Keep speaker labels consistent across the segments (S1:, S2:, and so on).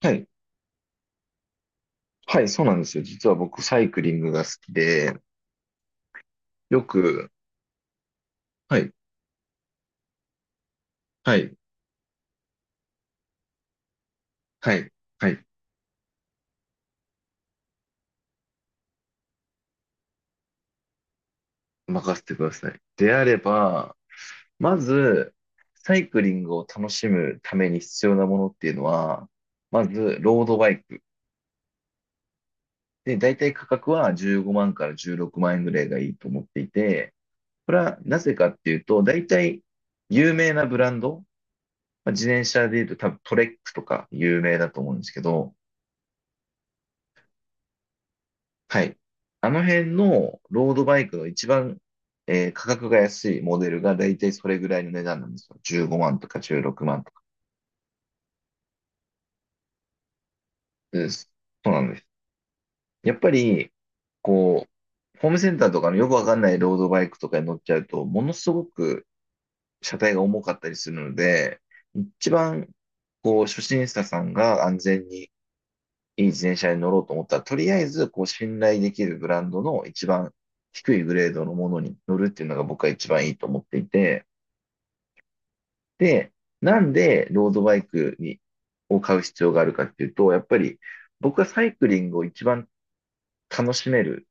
S1: はい。はい、そうなんですよ。実は僕、サイクリングが好きで、よく、はい、はい、はい、はい、任せてください。であれば、まず、サイクリングを楽しむために必要なものっていうのは、まず、ロードバイク。で、大体価格は15万から16万円ぐらいがいいと思っていて、これはなぜかっていうと、大体、有名なブランド、まあ自転車で言うと多分トレックとか有名だと思うんですけど、はい。あの辺のロードバイクの一番、価格が安いモデルがだいたいそれぐらいの値段なんですよ。15万とか16万とか。です。そうなんです。やっぱり、こう、ホームセンターとかのよくわかんないロードバイクとかに乗っちゃうと、ものすごく車体が重かったりするので、一番、こう、初心者さんが安全にいい自転車に乗ろうと思ったら、とりあえず、こう、信頼できるブランドの一番低いグレードのものに乗るっていうのが僕は一番いいと思っていて、で、なんでロードバイクを買う必要があるかっていうと、やっぱり僕がサイクリングを一番楽しめる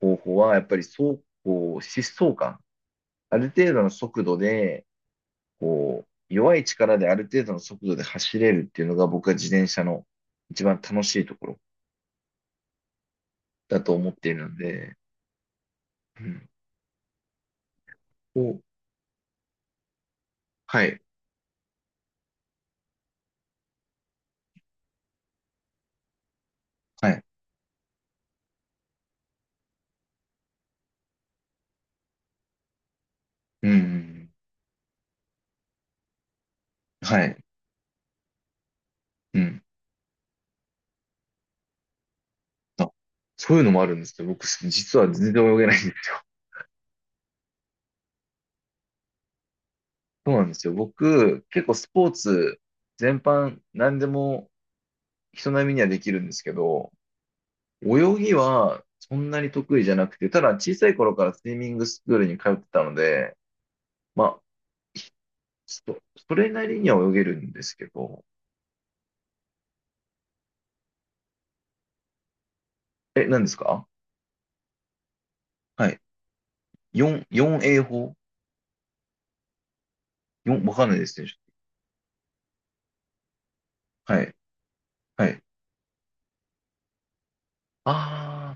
S1: 方法は、やっぱり走行、疾走感。ある程度の速度で、こう、弱い力である程度の速度で走れるっていうのが僕は自転車の一番楽しいところだと思っているので、うん、こうはい。はい。うん。はい。うん。あ、そういうのもあるんですけど、僕、実は全然泳げないんです。そうなんですよ。僕、結構スポーツ全般、何でも人並みにはできるんですけど、泳ぎはそんなに得意じゃなくて、ただ小さい頃からスイミングスクールに通ってたので、まあ、ひそそれなりには泳げるんですけど、え、何ですか？はい。4、4A 法 ?4、わかんないですね。はい。はい。あ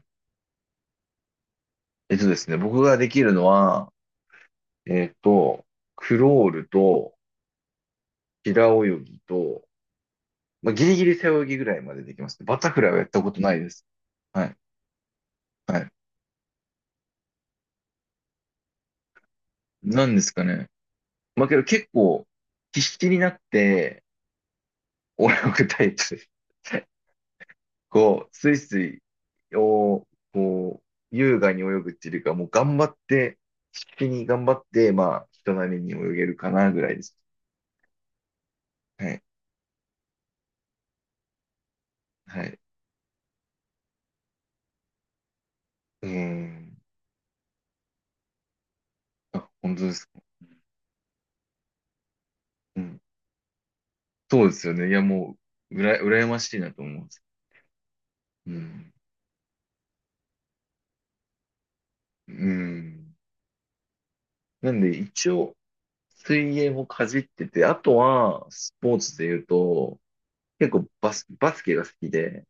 S1: えっとですね、僕ができるのは、えっと、クロールと、平泳ぎと、まあ、ギリギリ背泳ぎぐらいまでできますね。バタフライはやったことないです。はい。はい。なんですかね。まあ、けど結構、必死になって、泳ぐタイプです。こう、スイスイを、こう、優雅に泳ぐっていうよりか、もう頑張って、必死に頑張って、まあ、人並みに泳げるかなぐらいです。はい。はい。うーん。あ、本当ですか？うんそうですよね。いや、もう、羨ましいなと思うんです。うん。うん。なんで、一応、水泳もかじってて、あとは、スポーツで言うと、結構バスケが好きで、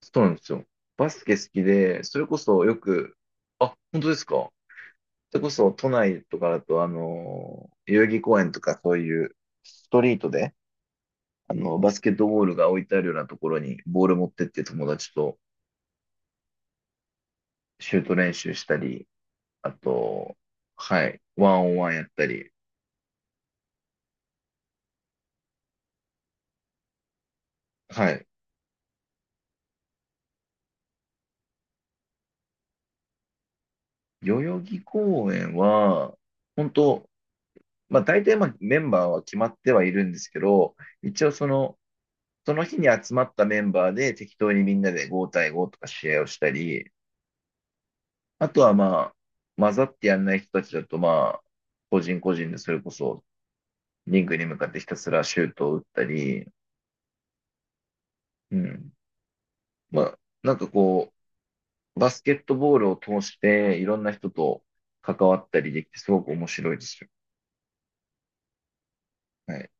S1: そうなんですよ。バスケ好きで、それこそよく、あ、本当ですか？それこそ、都内とかだと、代々木公園とか、そういう、ストリートで、バスケットボールが置いてあるようなところに、ボール持ってって友達とシュート練習したり、あと、はい、ワンオンワンやったり、はい、代々木公園は、本当、まあ大体まあメンバーは決まってはいるんですけど、一応その、その日に集まったメンバーで適当にみんなで5対5とか試合をしたり、あとはまあ、混ざってやんない人たちだとまあ、個人個人でそれこそリングに向かってひたすらシュートを打ったり、うん。まあ、なんか、バスケットボールを通して、いろんな人と関わったりできて、すごく面白いですよ。はい。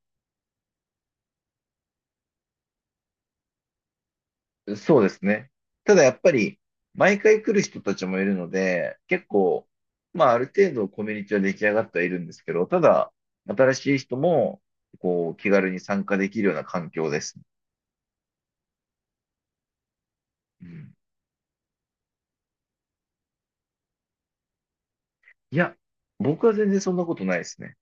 S1: そうですね。ただやっぱり、毎回来る人たちもいるので、結構、まあ、ある程度コミュニティは出来上がってはいるんですけど、ただ、新しい人も、こう、気軽に参加できるような環境です。うん、いや、僕は全然そんなことないですね。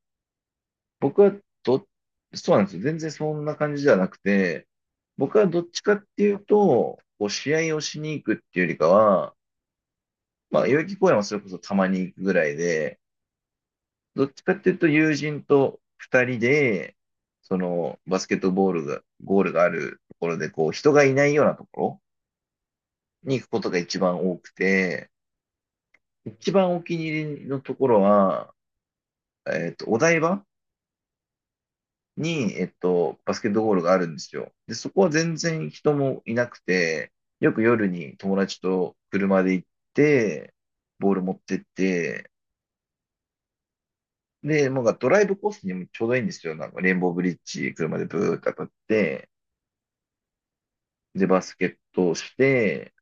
S1: 僕はど、そうなんですよ。全然そんな感じじゃなくて、僕はどっちかっていうと、こう試合をしに行くっていうよりかは、まあ、代々木公園はそれこそたまに行くぐらいで、どっちかっていうと友人と二人で、そのバスケットボールが、ゴールがあるところで、こう人がいないようなところに行くことが一番多くて、一番お気に入りのところは、お台場に、バスケットゴールがあるんですよ。で、そこは全然人もいなくて、よく夜に友達と車で行って、ボール持ってって、で、なんかドライブコースにもちょうどいいんですよ。なんかレインボーブリッジ、車でブーって当たって、で、バスケットをして、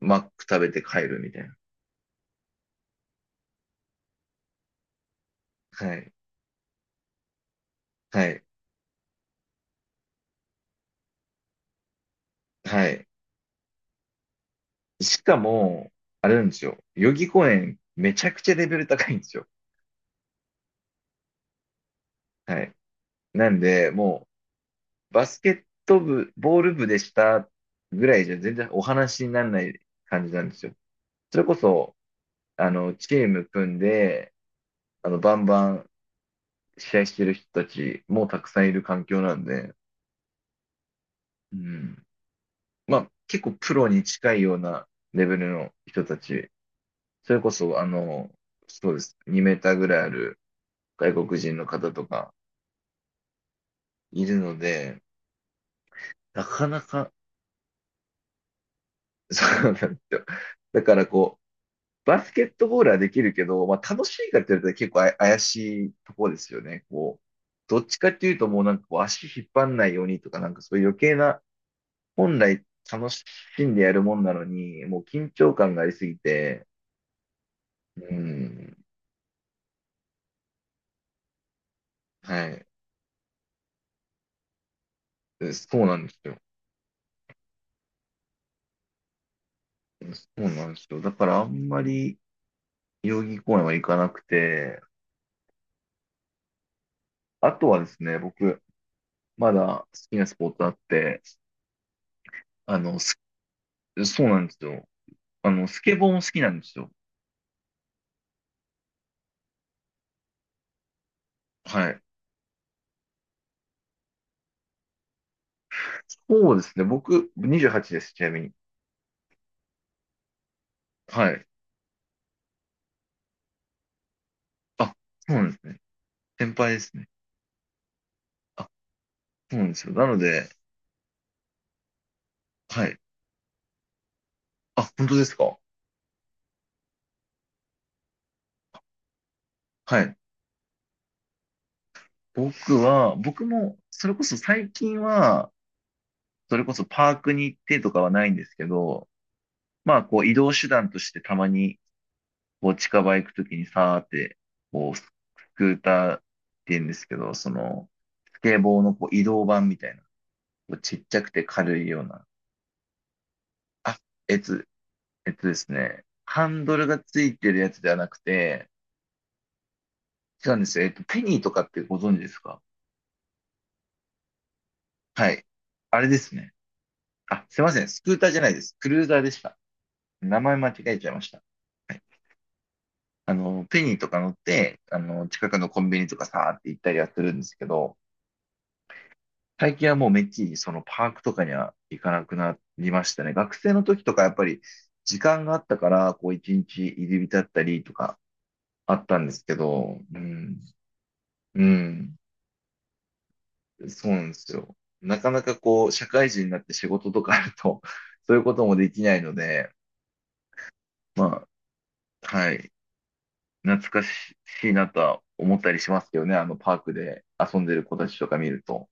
S1: マック食べて帰るみたいな。はい。はい。はい。しかも、あれなんですよ。代々木公園、めちゃくちゃレベル高いんですよ。はい。なんで、もう、バスケット部、ボール部でしたぐらいじゃ全然お話にならない感じなんですよ。それこそ、チーム組んで、バンバン試合してる人たちもたくさんいる環境なんで、うん。まあ、結構プロに近いようなレベルの人たち、それこそ、そうです。2メーターぐらいある外国人の方とかいるので、なかなか、そうなんですよ。だからこう、バスケットボールはできるけど、まあ、楽しいかって言われたら結構怪しいところですよね。こう、どっちかっていうともうなんかこう足引っ張んないようにとか、なんかそういう余計な、本来楽しんでやるもんなのに、もう緊張感がありすぎて、うん、はい。そうなんですよ。そうなんですよ。だからあんまり代々木公園は行かなくて、あとはですね、僕、まだ好きなスポーツあって、あの、すそうなんですよ。スケボーも好きなんですよ。はい。そうですね。僕、28です、ちなみに。はい。あ、そうなんですね。先輩ですね。あ、そうなんですよ。なので、はい。あ、本当ですか？はい。僕も、それこそ最近は、それこそパークに行ってとかはないんですけど、まあ、こう、移動手段としてたまに、こう、近場行くときにさーって、こう、スクーターって言うんですけど、その、スケボーのこう移動版みたいな、こうちっちゃくて軽いような、あ、えつ、えっとですね、ハンドルがついてるやつではなくて、違うんですよ。ペニーとかってご存知ですか？はい。あれですね。あ、すいません。スクーターじゃないです。クルーザーでした。名前間違えちゃいました。はい。ペニーとか乗って、近くのコンビニとかさーって行ったりはするんですけど、最近はもうめっきりそのパークとかには行かなくなりましたね。学生の時とかやっぱり時間があったから、こう一日入り浸ったりとかあったんですけど、うん、うん。そうなんですよ。なかなかこう、社会人になって仕事とかあると、そういうこともできないので、まあ、はい、懐かしいなとは思ったりしますけどね、あのパークで遊んでる子たちとか見ると。